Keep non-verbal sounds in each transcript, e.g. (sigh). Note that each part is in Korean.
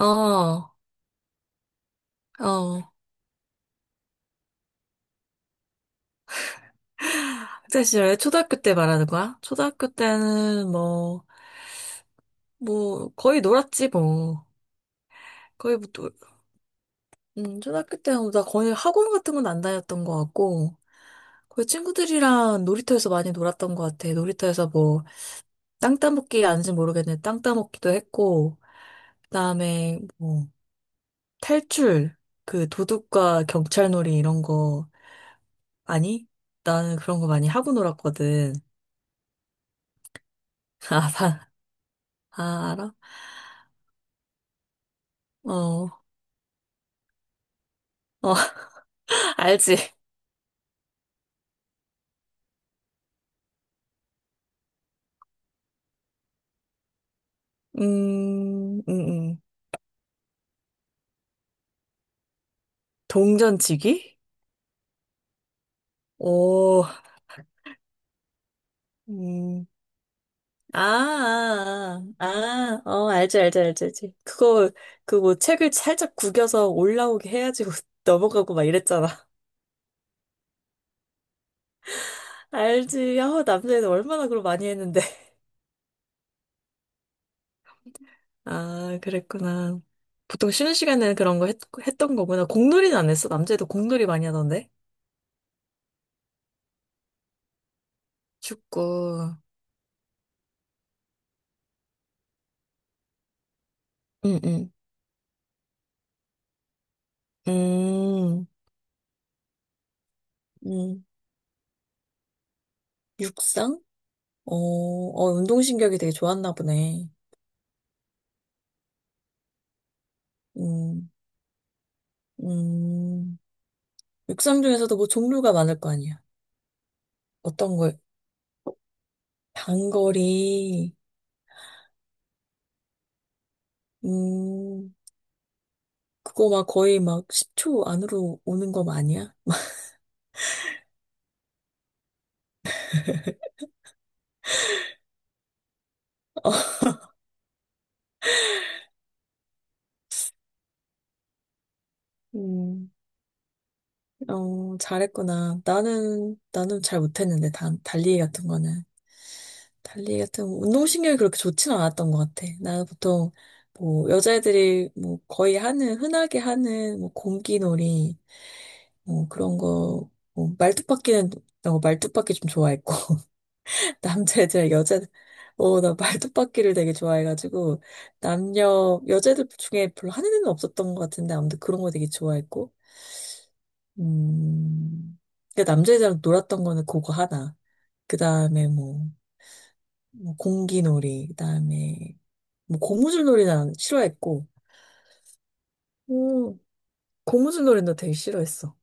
어, 어. 학창 시절, 초등학교 때 말하는 거야? 초등학교 때는 뭐, 거의 놀았지, 뭐. 거의 뭐, 초등학교 때는 뭐 나 거의 학원 같은 건 안 다녔던 것 같고, 거의 친구들이랑 놀이터에서 많이 놀았던 것 같아. 놀이터에서 뭐, 땅 따먹기 아닌지 모르겠는데, 땅 따먹기도 했고, 그다음에 뭐, 탈출, 그 도둑과 경찰놀이 이런 거, 아니? 나는 그런 거 많이 하고 놀았거든. (laughs) 아, 알아? 어. 어. 알지? 음, 음, 음. 동전치기? 오, 음, 아, 아, 아, 아, 어, 알지, 알지, 알지, 알지. 그거, 그 뭐 책을 살짝 구겨서 올라오게 해야지 (laughs) 넘어가고 막 이랬잖아. 알지. 아, 남자애들 얼마나 그걸 많이 했는데. 아, 그랬구나. 보통 쉬는 시간에는 그런 거 했던 거구나. 공놀이는 안 했어? 남자애들 공놀이 많이 하던데? 축구. 응, 응. 음, 음, 육상? 어, 어, 운동신경이 되게 좋았나 보네. 음, 음, 육상 중에서도 뭐 종류가 많을 거 아니야. 어떤 거, 단거리, 음, 그거 막 거의 막 10초 안으로 오는 거 아니야? 음, 잘했구나. 나는 잘 못했는데, 달리기 같은 거는. 달리 같은 운동신경이 그렇게 좋지는 않았던 것 같아. 나는 보통 뭐 여자애들이 뭐 거의 하는 흔하게 하는 뭐 공기놀이 뭐 그런 거, 뭐 말뚝박기는 어, 말뚝박기 좀 좋아했고 (laughs) 남자애들 여자 어, 나 말뚝박기를 되게 좋아해가지고 남녀 여자애들 중에 별로 하는 애는 없었던 것 같은데 아무튼 그런 거 되게 좋아했고 음 그러니까 남자애들이랑 놀았던 거는 그거 하나. 그 다음에 뭐. 뭐 공기놀이, 그다음에 뭐 고무줄놀이는 싫어했고, 오, 고무줄놀이나 되게 싫어했어.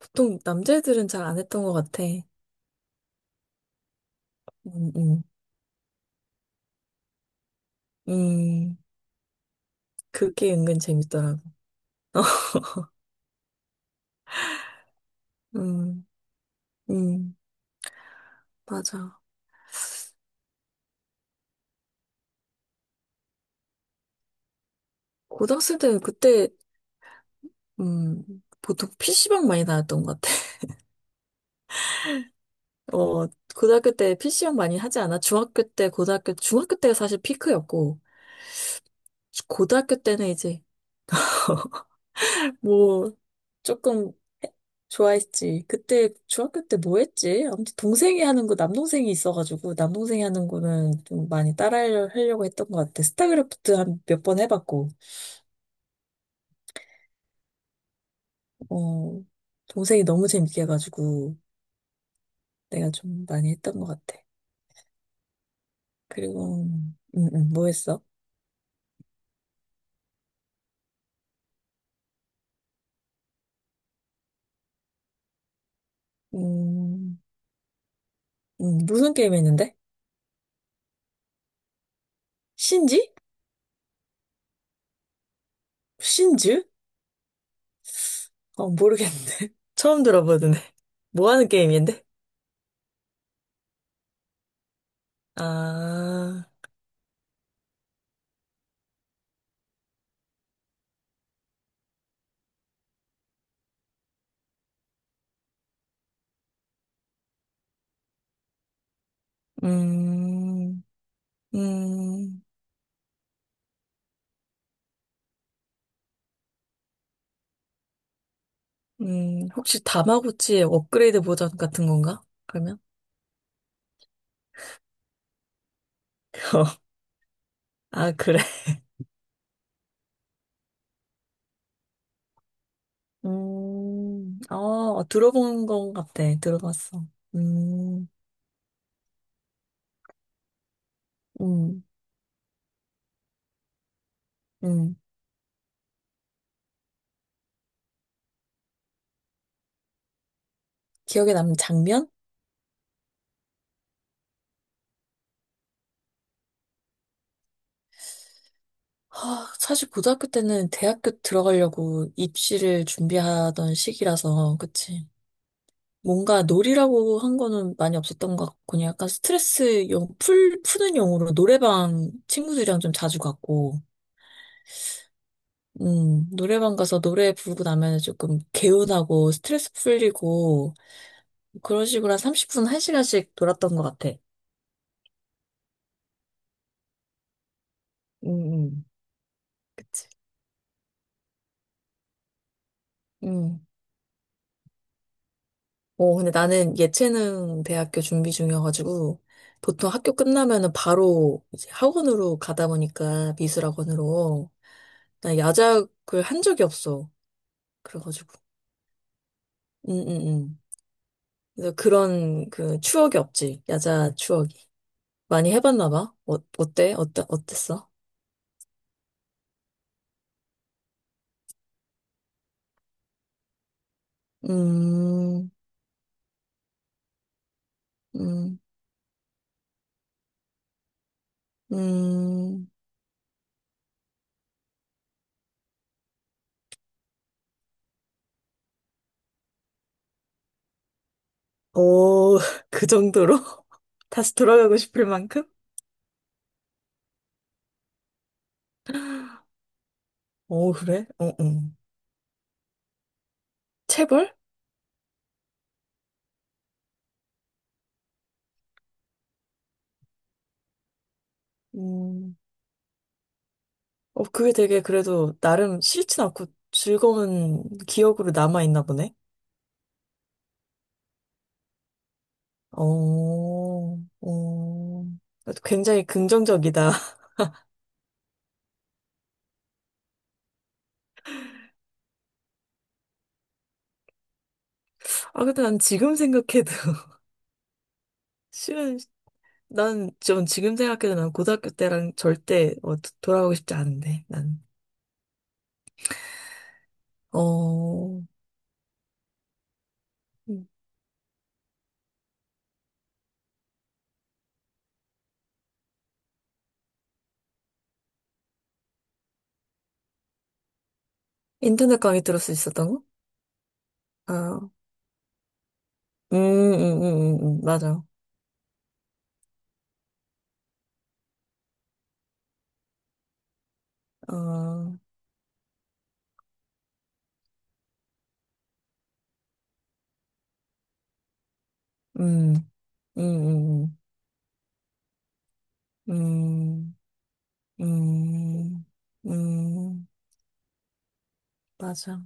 보통 남자애들은 잘 안 했던 것 같아. 음, 음, 음, 그게 은근 재밌더라고. (laughs) 음, 음, 맞아. 고등학생 때 그때, 보통 PC방 많이 나왔던 것 같아. (laughs) 어, 고등학교 때 PC방 많이 하지 않아? 중학교 때, 고등학교, 중학교 때가 사실 피크였고, 고등학교 때는 이제, 뭐, 조금 좋아했지. 그때 중학교 때 뭐 했지? 아무튼 동생이 하는 거 남동생이 있어가지고 남동생이 하는 거는 좀 많이 따라하려고 했던 것 같아. 스타크래프트 한 몇 번 해봤고, 어, 동생이 너무 재밌게 해가지고 내가 좀 많이 했던 것 같아. 그리고 뭐 했어? 음, 무슨 게임 했는데? 신지? 신즈? 어, 모르겠는데. (laughs) 처음 들어보는데. 뭐 하는 게임인데? 아, 음, 음. 혹시 다마고치의 업그레이드 버전 같은 건가? 그러면? (laughs) 어, 아, 그래. 들어본 것 같아. 들어봤어. 음, 음, 음. 기억에 남는 장면? 아, 사실 고등학교 때는 대학교 들어가려고 입시를 준비하던 시기라서, 그치. 뭔가 놀이라고 한 거는 많이 없었던 것 같고, 그냥 약간 스트레스 용, 푸는 용으로 노래방 친구들이랑 좀 자주 갔고, 노래방 가서 노래 부르고 나면 조금 개운하고 스트레스 풀리고 그런 식으로 한 30분, 1시간씩 놀았던 것 같아. 음, 음. 그치. 음. 어, 근데 나는 예체능 대학교 준비 중이어가지고 보통 학교 끝나면은 바로 이제 학원으로 가다 보니까 미술학원으로 나 야작을 한 적이 없어. 그래가지고. 음, 음, 음. 그래서 그런 그 추억이 없지. 야자 추억이. 많이 해봤나 봐. 어, 어때? 어때? 어땠어? 음, 음, 음, 오, (laughs) 그 정도로? (laughs) 다시 돌아가고 싶을 만큼? 오, 그래? 어, 어. 체벌? 음, 그게 되게 그래도 나름 싫진 않고 즐거운 기억으로 남아있나 보네? 어, 어. 굉장히 긍정적이다. (laughs) 아, 근데 난 지금 생각해도, (laughs) 싫은, 난 좀 지금 생각해도 난 고등학교 때랑 절대 돌아가고 싶지 않은데, 난. 어, 인터넷 강의 들을 수 있었다고? 아, 맞아. 어, 음, 음, 음, 음, 음, 음, 음, 맞아.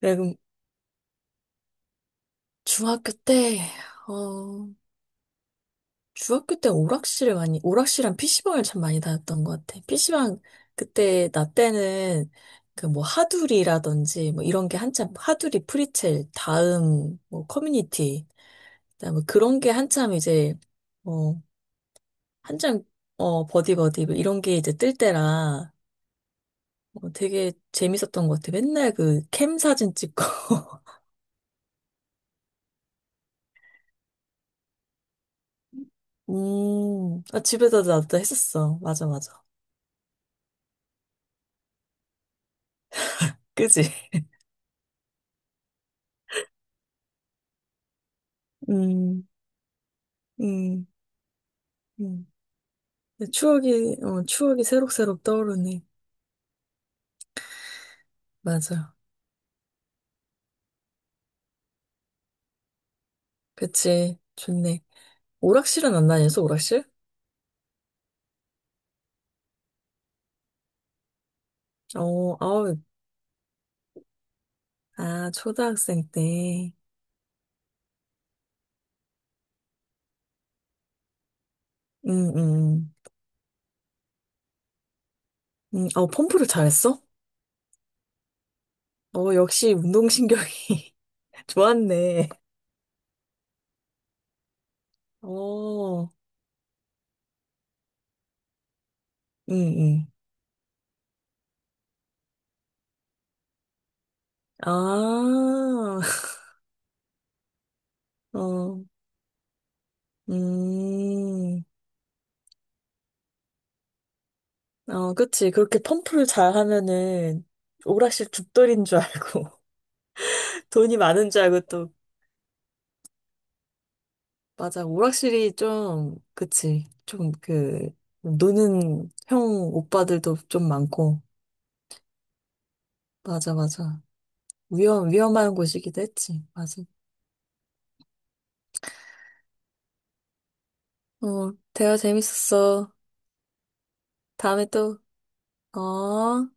내가 중학교 때, 어, 중학교 때 오락실을 많이, 오락실이랑 PC방을 참 많이 다녔던 것 같아. PC방, 그때, 나 때는, 그 뭐, 하두리라든지, 뭐, 이런 게 한참, 하두리, 프리첼, 다음, 뭐, 커뮤니티, 그다음에 그런 게 한참 이제, 어, 한장 어 버디 버디 뭐 이런 게 이제 뜰 때라 어, 되게 재밌었던 것 같아. 맨날 그 캠 사진 찍고. (laughs) 아, 집에서 나도 했었어. 맞아, 맞아. 그지? (laughs) 음, 음, 음. 추억이 새록새록 떠오르네. 맞아. 그치. 좋네. 오락실은 안 다녔어, 오락실? 어, 아우, 아, 초등학생 때. 음, 음, 음. 펌프를 잘했어? 어, 역시 운동신경이 (laughs) 좋았네. 어, 응, 응. 아, (laughs) 어, 음, 그치. 그렇게 펌프를 잘 하면은 오락실 죽돌인 줄 알고, (laughs) 돈이 많은 줄 알고 또, 맞아. 오락실이 좀, 그치. 좀 그, 노는 형 오빠들도 좀 많고, 맞아, 맞아. 위험한 곳이기도 했지. 맞아. 어, 대화 재밌었어. 다음에 또, 어.